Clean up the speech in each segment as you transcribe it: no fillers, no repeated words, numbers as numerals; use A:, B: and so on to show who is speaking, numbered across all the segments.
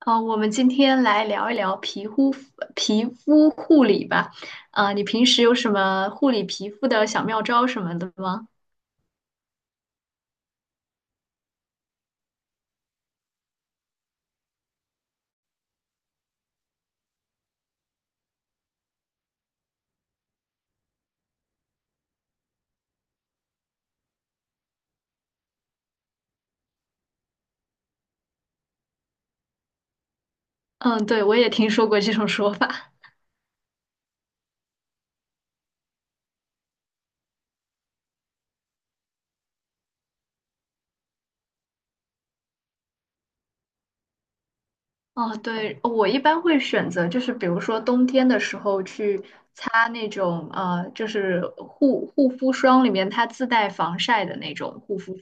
A: 我们今天来聊一聊皮肤护理吧。啊，你平时有什么护理皮肤的小妙招什么的吗？嗯，对，我也听说过这种说法。哦，对，我一般会选择就是比如说冬天的时候去擦那种就是护肤霜里面它自带防晒的那种护肤。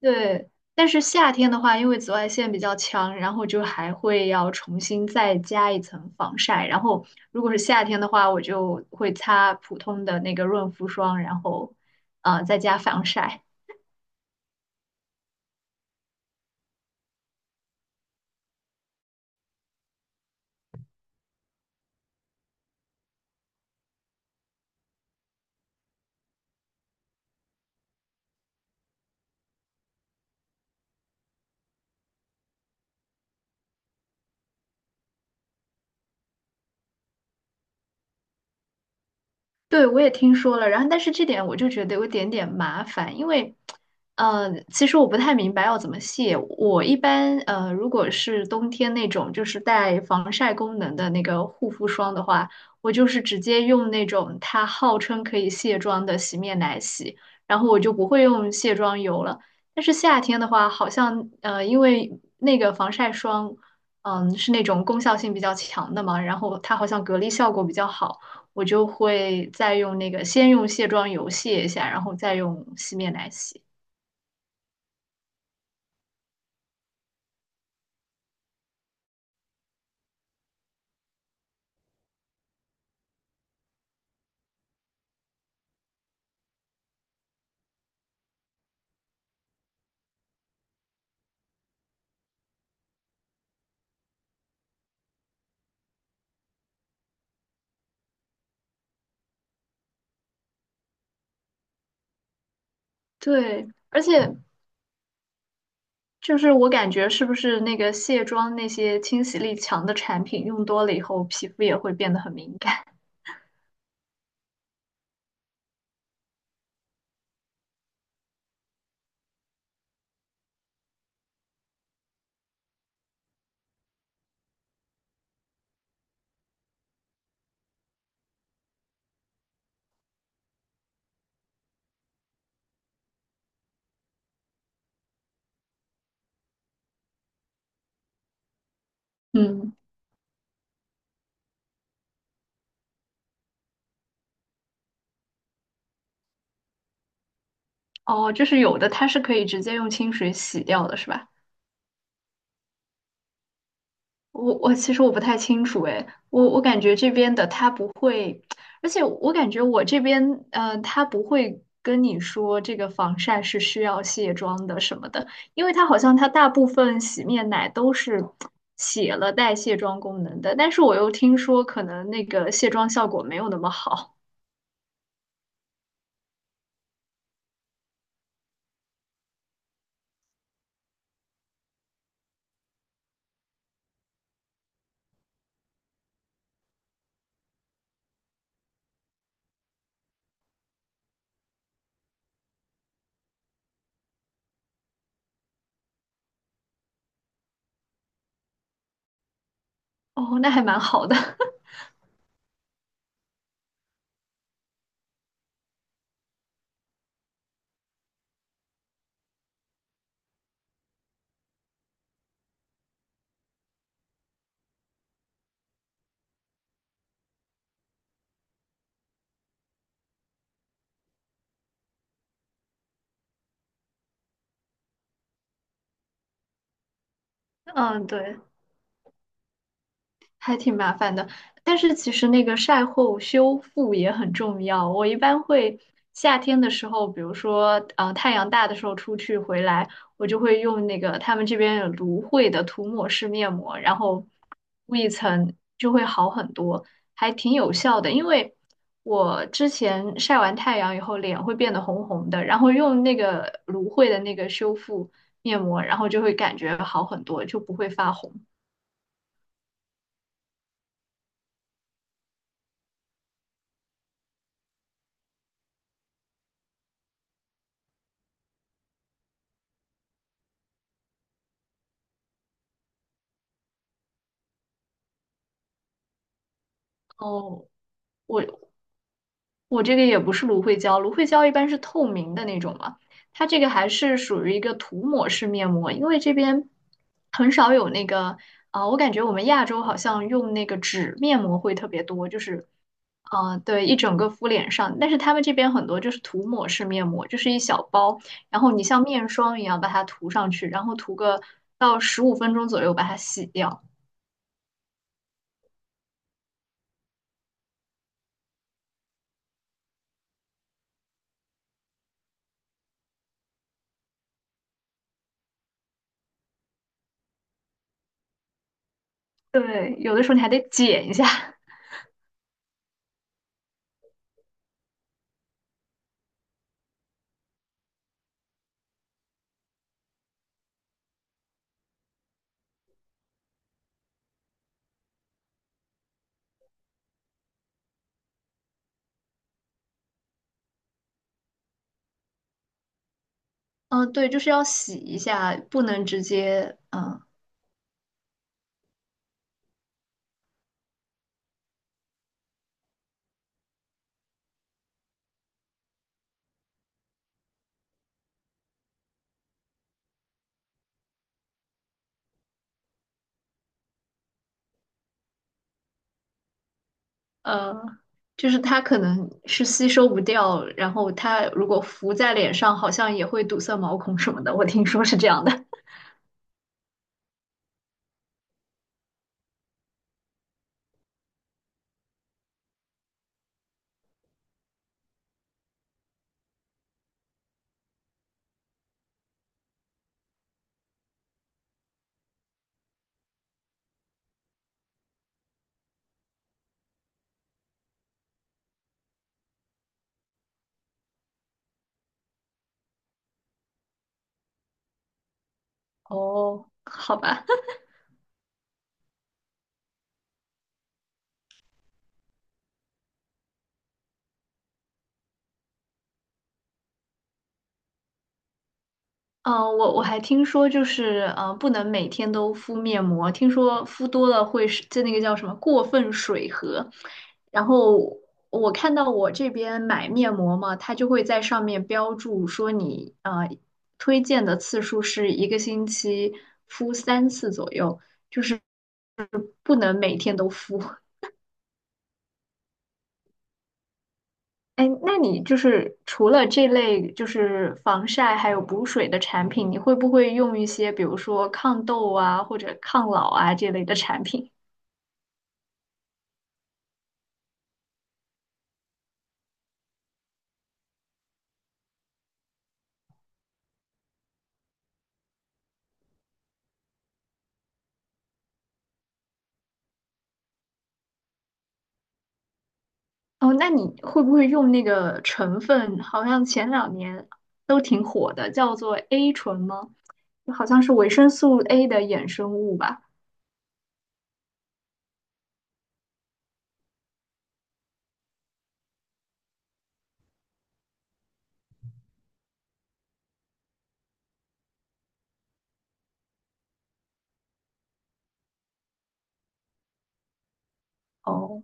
A: 对，但是夏天的话，因为紫外线比较强，然后就还会要重新再加一层防晒。然后如果是夏天的话，我就会擦普通的那个润肤霜，然后再加防晒。对，我也听说了，然后但是这点我就觉得有一点点麻烦，因为，其实我不太明白要怎么卸。我一般如果是冬天那种就是带防晒功能的那个护肤霜的话，我就是直接用那种它号称可以卸妆的洗面奶洗，然后我就不会用卸妆油了。但是夏天的话，好像因为那个防晒霜，是那种功效性比较强的嘛，然后它好像隔离效果比较好。我就会再用那个先用卸妆油卸一下，然后再用洗面奶洗。对，而且就是我感觉是不是那个卸妆那些清洗力强的产品用多了以后，皮肤也会变得很敏感。嗯，哦，就是有的它是可以直接用清水洗掉的，是吧？我其实我不太清楚诶，我感觉这边的他不会，而且我感觉我这边他不会跟你说这个防晒是需要卸妆的什么的，因为他好像他大部分洗面奶都是写了带卸妆功能的，但是我又听说可能那个卸妆效果没有那么好，哦，那还蛮好的，嗯，对。还挺麻烦的。但是其实那个晒后修复也很重要。我一般会夏天的时候，比如说太阳大的时候出去回来，我就会用那个他们这边有芦荟的涂抹式面膜，然后敷一层就会好很多，还挺有效的。因为我之前晒完太阳以后脸会变得红红的，然后用那个芦荟的那个修复面膜，然后就会感觉好很多，就不会发红。哦，我这个也不是芦荟胶，芦荟胶一般是透明的那种嘛，它这个还是属于一个涂抹式面膜，因为这边很少有那个啊、我感觉我们亚洲好像用那个纸面膜会特别多，就是啊，对，一整个敷脸上，但是他们这边很多就是涂抹式面膜，就是一小包，然后你像面霜一样把它涂上去，然后涂个到15分钟左右把它洗掉，对，有的时候你还得剪一下。嗯，对，就是要洗一下，不能直接呃，就是它可能是吸收不掉，然后它如果浮在脸上，好像也会堵塞毛孔什么的，我听说是这样的。哦，好吧，我还听说就是不能每天都敷面膜，听说敷多了会是就那个叫什么过分水合，然后。我看到我这边买面膜嘛，它就会在上面标注说你推荐的次数是一个星期敷3次左右。就是。不能每天都敷。哎，那你就是除了这类就是防晒还有补水的产品，你会不会用一些比如说抗痘啊或者抗老啊这类的产品？哦，那你会不会用那个成分？好像前两年都挺火的，叫做 A 醇吗？好像是维生素 A 的衍生物吧？哦，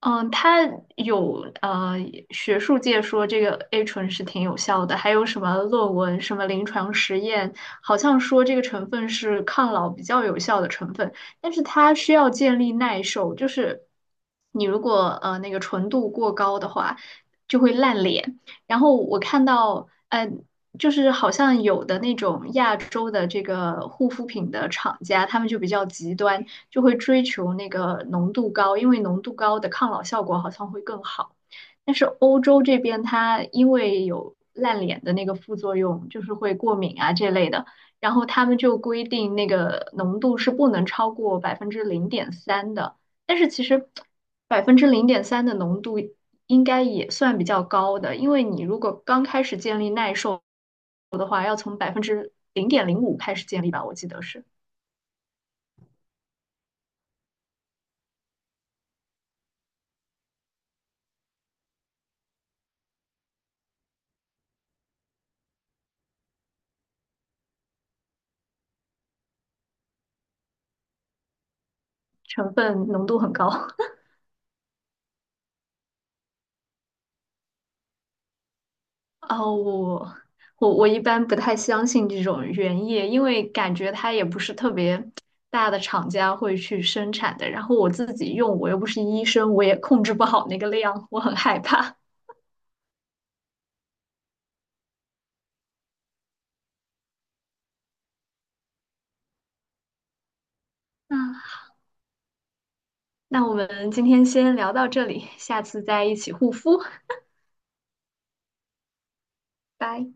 A: 嗯，它有学术界说这个 A 醇是挺有效的，还有什么论文、什么临床实验，好像说这个成分是抗老比较有效的成分，但是它需要建立耐受，就是你如果那个纯度过高的话，就会烂脸。然后我看到，就是好像有的那种亚洲的这个护肤品的厂家，他们就比较极端。就会追求那个浓度高，因为浓度高的抗老效果好像会更好。但是欧洲这边它因为有烂脸的那个副作用，就是会过敏啊这类的，然后他们就规定那个浓度是不能超过百分之零点三的。但是其实百分之零点三的浓度应该也算比较高的，因为你如果刚开始建立耐受的话，要从0.05%开始建立吧，我记得是成分浓度很高。哦，我一般不太相信这种原液，因为感觉它也不是特别大的厂家会去生产的。然后我自己用，我又不是医生，我也控制不好那个量，我很害怕。嗯，那我们今天先聊到这里，下次再一起护肤，拜。